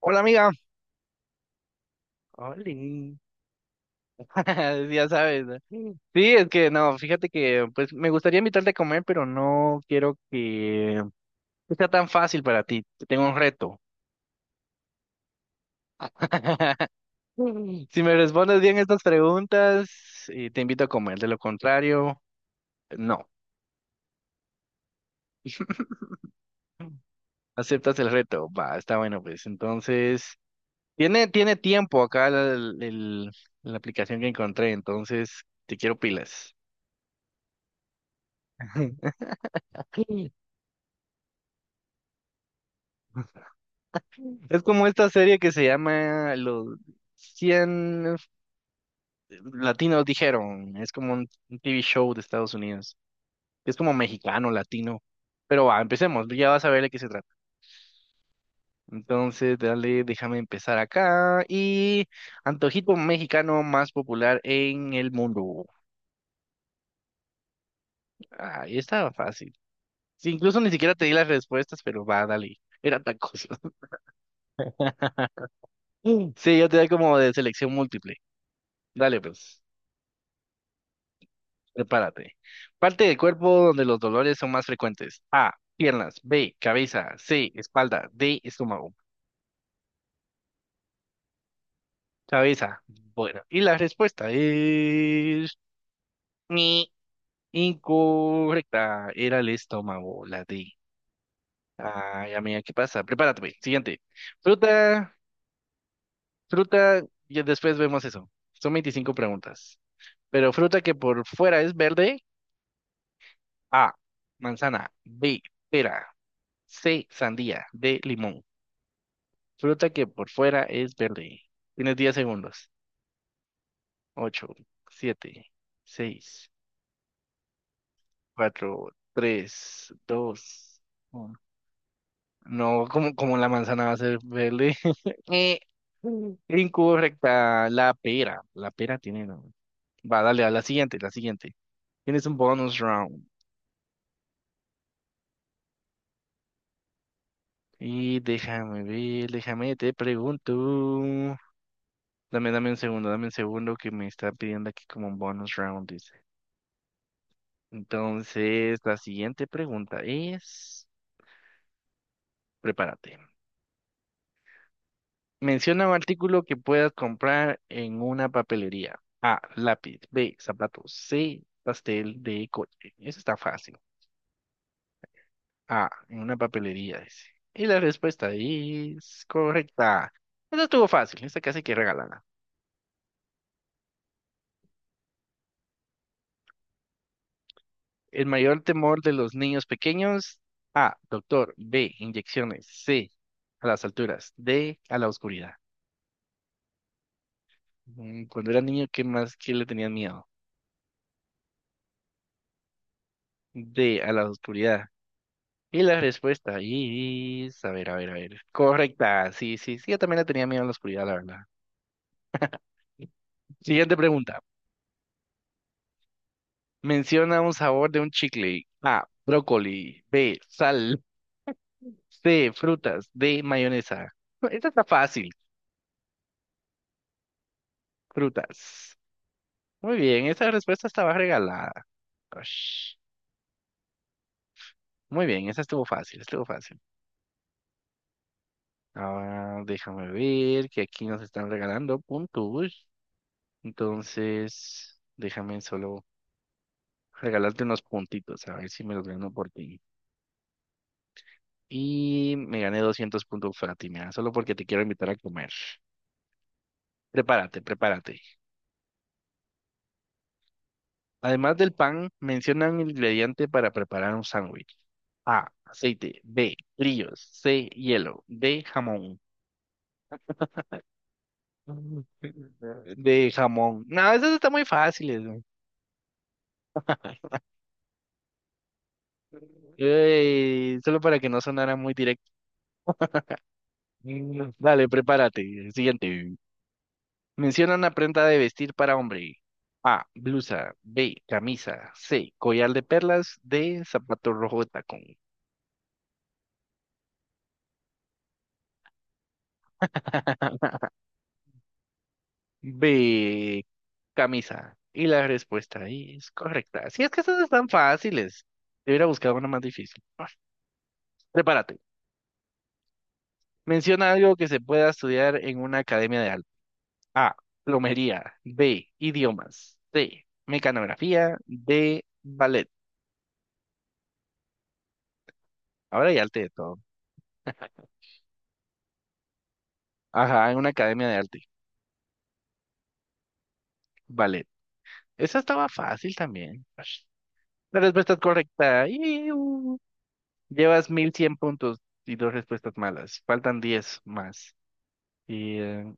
Hola amiga. Oli. Ya sabes, ¿no? Sí, es que no, fíjate que pues me gustaría invitarte a comer, pero no quiero que sea tan fácil para ti. Te tengo un reto. Si me respondes bien estas preguntas, te invito a comer. De lo contrario, no. ¿Aceptas el reto? Va, está bueno, pues. Entonces, tiene tiempo acá la aplicación que encontré, entonces te quiero pilas. Es como esta serie que se llama Los cien Latinos Dijeron. Es como un TV show de Estados Unidos. Es como mexicano, latino. Pero va, empecemos. Ya vas a ver de qué se trata. Entonces, dale, déjame empezar acá. Y antojito mexicano más popular en el mundo. Ahí estaba fácil. Sí, incluso ni siquiera te di las respuestas, pero va, dale. Era tacos. Sí, yo te doy como de selección múltiple. Dale, pues. Prepárate. Parte del cuerpo donde los dolores son más frecuentes. A, piernas. B, cabeza. C, espalda. D, estómago. Cabeza. Bueno, y la respuesta es... Ni. Incorrecta. Era el estómago, la D. Ay, amiga, ¿qué pasa? Prepárate, güey. Siguiente. Fruta, fruta, y después vemos eso. Son 25 preguntas. Pero fruta que por fuera es verde. A, manzana. B, pera. C, sandía. D, limón. Fruta que por fuera es verde. Tienes 10 segundos. 8, 7, 6, 4, 3, 2, 1. No, como la manzana va a ser verde. Eh, incorrecta. La pera. La pera tiene nombre. Va, dale a la siguiente, la siguiente. Tienes un bonus round. Y déjame, te pregunto. Dame un segundo, dame un segundo que me está pidiendo aquí como un bonus round, dice. Entonces, la siguiente pregunta es, prepárate. Menciona un artículo que puedas comprar en una papelería. A, lápiz. B, zapatos. C, pastel. D, coche. Eso está fácil. A, en una papelería, dice. Y la respuesta es correcta. Esta estuvo fácil, esta casi que regalada. El mayor temor de los niños pequeños. A, doctor. B, inyecciones. C, a las alturas. D, a la oscuridad. Cuando era niño, ¿ qué le tenían miedo? D, a la oscuridad. Y la respuesta es, a ver, a ver, a ver. Correcta, sí, sí, sí, yo también le tenía miedo a la oscuridad, la verdad. Siguiente pregunta. Menciona un sabor de un chicle. A, brócoli. B, sal. C, frutas. D, mayonesa. No, esta está fácil. Frutas. Muy bien, esa respuesta estaba regalada. Ush. Muy bien, esa estuvo fácil, estuvo fácil. Ahora déjame ver que aquí nos están regalando puntos. Entonces, déjame solo regalarte unos puntitos, a ver si me los gano por ti. Y me gané 200 puntos, Fátima, solo porque te quiero invitar a comer. Prepárate, prepárate. Además del pan, mencionan el ingrediente para preparar un sándwich. A, aceite. B, brillos. C, hielo. D, jamón. De jamón. No, esas están muy fáciles, güey. Ey, solo para que no sonara muy directo. Dale, prepárate. Siguiente. Menciona una prenda de vestir para hombre. A, blusa. B, camisa. C, collar de perlas. D, zapato rojo de tacón. B, camisa. Y la respuesta ahí es correcta. Si es que estas están fáciles. Debería buscar una más difícil. Ah, prepárate. Menciona algo que se pueda estudiar en una academia de arte. A, plomería. B, idiomas. C, mecanografía. D, ballet. Ahora ya arte de todo. Ajá, en una academia de arte. Ballet. Esa estaba fácil también. La respuesta es correcta. ¡Iu! Llevas 1,100 puntos y dos respuestas malas. Faltan 10 más. Y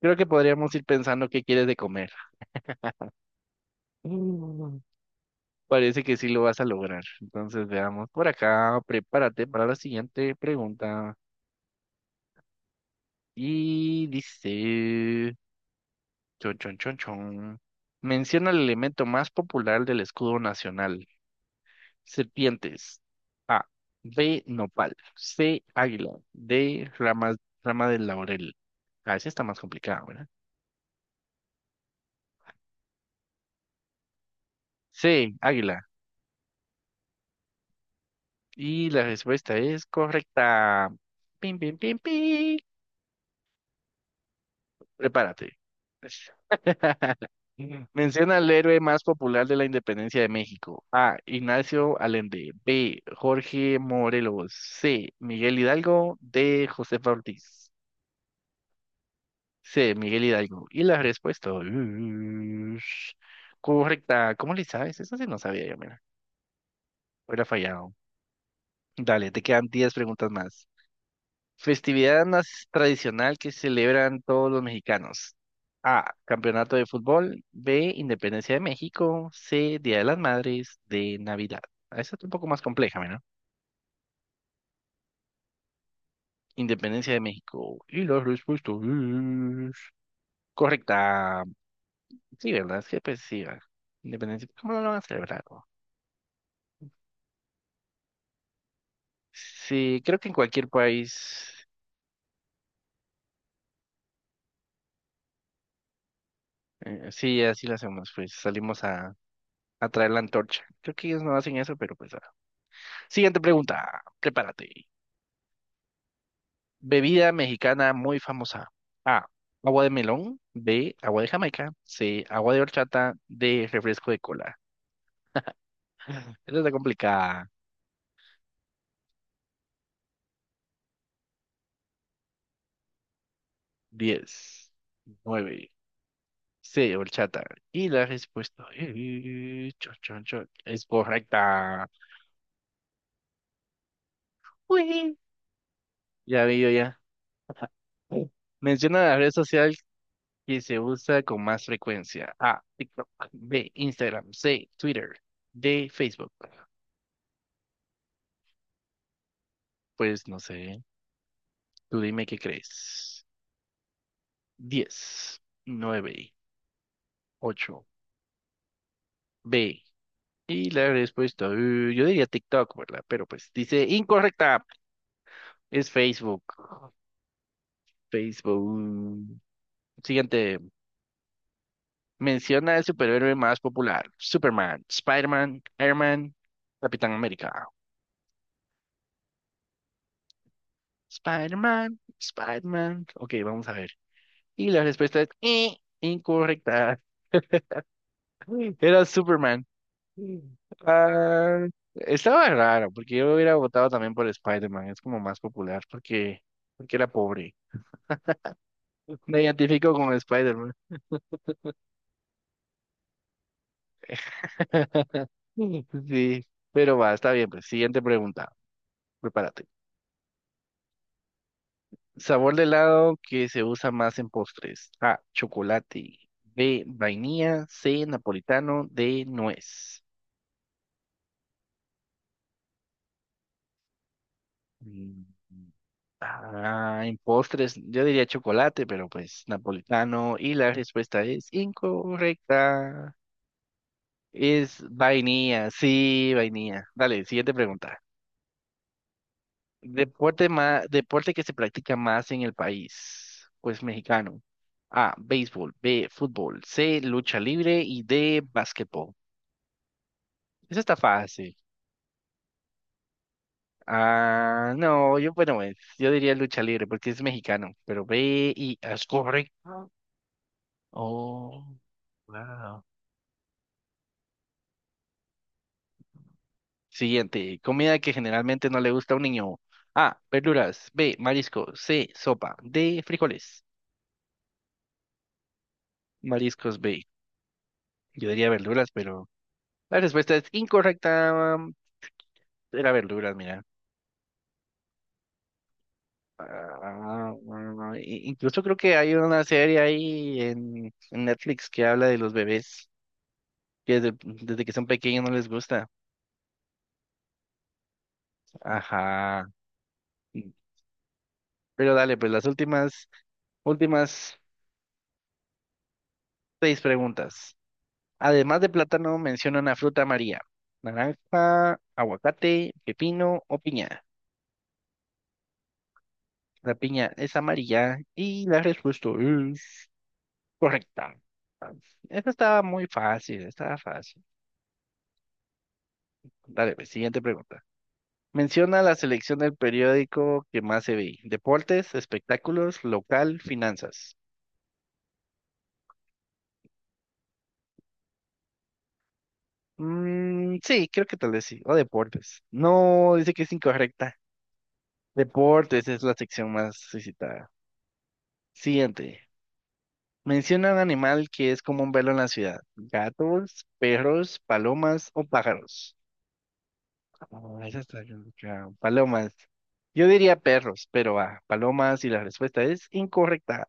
creo que podríamos ir pensando qué quieres de comer. Mm, Parece que sí lo vas a lograr. Entonces veamos por acá. Prepárate para la siguiente pregunta. Y dice... Chon, chon, chon, chon. Menciona el elemento más popular del escudo nacional. Serpientes. A. B. Nopal. C. Águila. D. Rama del laurel. Ah, esa está más complicada, ¿verdad? C. Águila. Y la respuesta es correcta. Pim, pim, pim, pim. Prepárate. Menciona al héroe más popular de la independencia de México. A. Ignacio Allende. B. Jorge Morelos. C. Miguel Hidalgo. D. Josefa Ortiz. Sí, Miguel Hidalgo. Y la respuesta es correcta. ¿Cómo le sabes? Eso sí no sabía yo, mira. Hubiera fallado. Dale, te quedan 10 preguntas más. Festividad tradicional que celebran todos los mexicanos. A. Campeonato de fútbol. B. Independencia de México. C. Día de las Madres. D. Navidad. Ah, esa es un poco más compleja, mira. Independencia de México. Y la respuesta es correcta. Sí, ¿verdad? Es que pues sí, va. Independencia. ¿Cómo no lo van a celebrar? Sí, creo que en cualquier país, sí, así lo hacemos, pues salimos a traer la antorcha. Creo que ellos no hacen eso, pero pues... ah. Siguiente pregunta, prepárate. Bebida mexicana muy famosa. A, agua de melón. B, agua de Jamaica. C, agua de horchata. D, refresco de cola. Esta está complicada. 10, 9, C, horchata. Y la respuesta chon, chon, chon, es correcta. Uy, ya vi. Yo Menciona la red social que se usa con más frecuencia. A, TikTok. B, Instagram. C, Twitter. D, Facebook. Pues no sé. Tú dime qué crees. 10, 9, 8, B. Y la respuesta, yo diría TikTok, ¿verdad? Pero pues dice incorrecta. Es Facebook. Facebook. Siguiente. Menciona el superhéroe más popular. Superman, Spider-Man, Airman, Capitán América. Spider-Man, Spider-Man. Ok, vamos a ver. Y la respuesta es incorrecta. Era Superman. Ah, estaba raro, porque yo hubiera votado también por Spider-Man. Es como más popular, porque era pobre. Me identifico con Spider-Man. Sí, pero va, está bien, pues. Siguiente pregunta. Prepárate. Sabor de helado que se usa más en postres. A, chocolate. B, vainilla. C, napolitano. D, nuez. Mm, Ah, en postres, yo diría chocolate, pero pues napolitano. Y la respuesta es incorrecta. Es vainilla, sí, vainilla. Dale, siguiente pregunta. Deporte que se practica más en el país, pues mexicano. A, béisbol, B, fútbol, C, lucha libre y D, básquetbol. Eso está fácil. Ah, no, bueno, pues, yo diría lucha libre porque es mexicano, pero B y es correcto. Oh, wow. Siguiente, comida que generalmente no le gusta a un niño. A, verduras. B, marisco. C, sopa. D, frijoles. Mariscos B. Yo diría verduras, pero la respuesta es incorrecta. Era verduras, mira. Ah, bueno, incluso creo que hay una serie ahí en Netflix que habla de los bebés que desde que son pequeños no les gusta. Ajá. Pero dale, pues las últimas seis preguntas. Además de plátano, menciona una fruta amarilla. Naranja, aguacate, pepino o piña. La piña es amarilla y la respuesta es correcta. Ah, esta estaba muy fácil, estaba fácil. Dale, pues, siguiente pregunta. Menciona la selección del periódico que más se ve. Deportes, espectáculos, local, finanzas. Mm, sí, creo que tal vez sí. O deportes. No, dice que es incorrecta. Deportes es la sección más visitada. Siguiente. Menciona un animal que es común verlo en la ciudad. Gatos, perros, palomas o pájaros. Ah, esa está complicada. Palomas. Yo diría perros, pero palomas y la respuesta es incorrecta.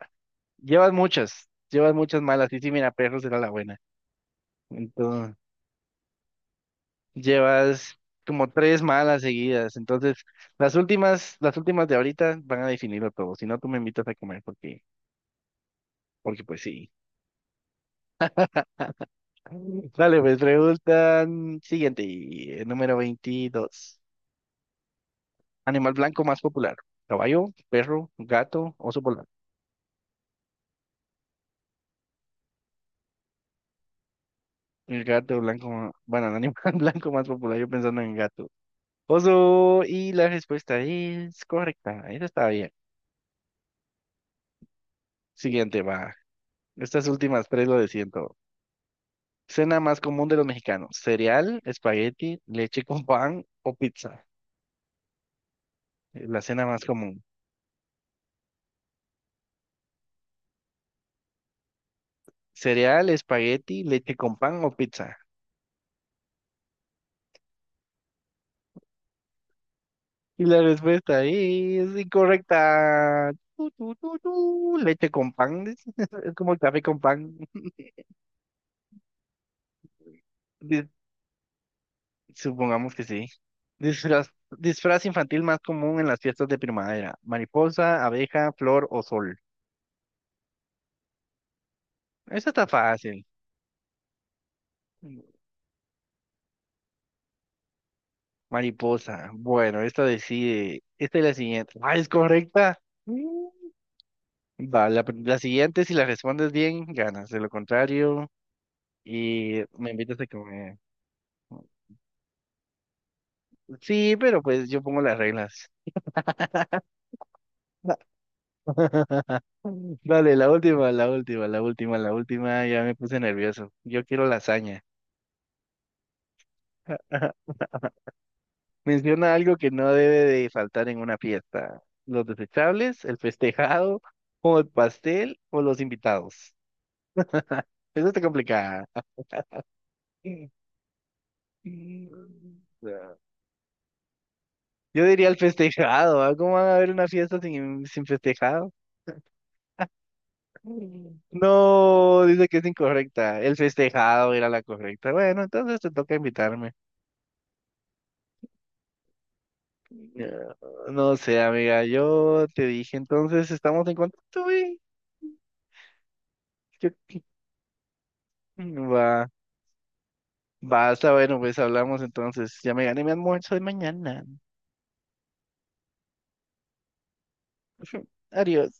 Llevas muchas malas. Sí, sí, mira, perros era la buena. Entonces, llevas como tres malas seguidas. Entonces, las últimas de ahorita van a definirlo todo. Si no, tú me invitas a comer porque pues sí. Dale, pues preguntan siguiente, y, número 22. Animal blanco más popular. Caballo, perro, gato, oso polar. El gato blanco, bueno, el animal blanco más popular, yo pensando en gato. Oso, y la respuesta es correcta. Esa está bien. Siguiente, va. Estas últimas tres lo de siento. Cena más común de los mexicanos. Cereal, espagueti, leche con pan o pizza. La cena más común. Cereal, espagueti, leche con pan o pizza. Y la respuesta es incorrecta. Tu, tu, tu, tu. Leche con pan, dice. Es como el café con pan. Dis- Supongamos que sí. Disfraz infantil más común en las fiestas de primavera. Mariposa, abeja, flor o sol. Esta está fácil. Mariposa. Bueno, esta decide. Esta es la siguiente. Ah, es correcta. Mm. Va, la siguiente, si la respondes bien, ganas. De lo contrario, y me invitas a comer. Sí, pero pues yo pongo las reglas. Dale, la última, la última, la última, la última. Ya me puse nervioso. Yo quiero lasaña. Menciona algo que no debe de faltar en una fiesta. Los desechables, el festejado, o el pastel, o los invitados. Eso está complicada. Mm. Yo diría el festejado. ¿Ah? ¿Cómo van a haber una fiesta sin festejado? Mm. No, dice que es incorrecta. El festejado era la correcta. Bueno, entonces te toca invitarme. Ah, no sé, amiga, yo te dije, entonces estamos en contacto, güey. Yo- Va, basta, bueno, pues hablamos entonces. Ya me gané mi almuerzo de mañana. Adiós.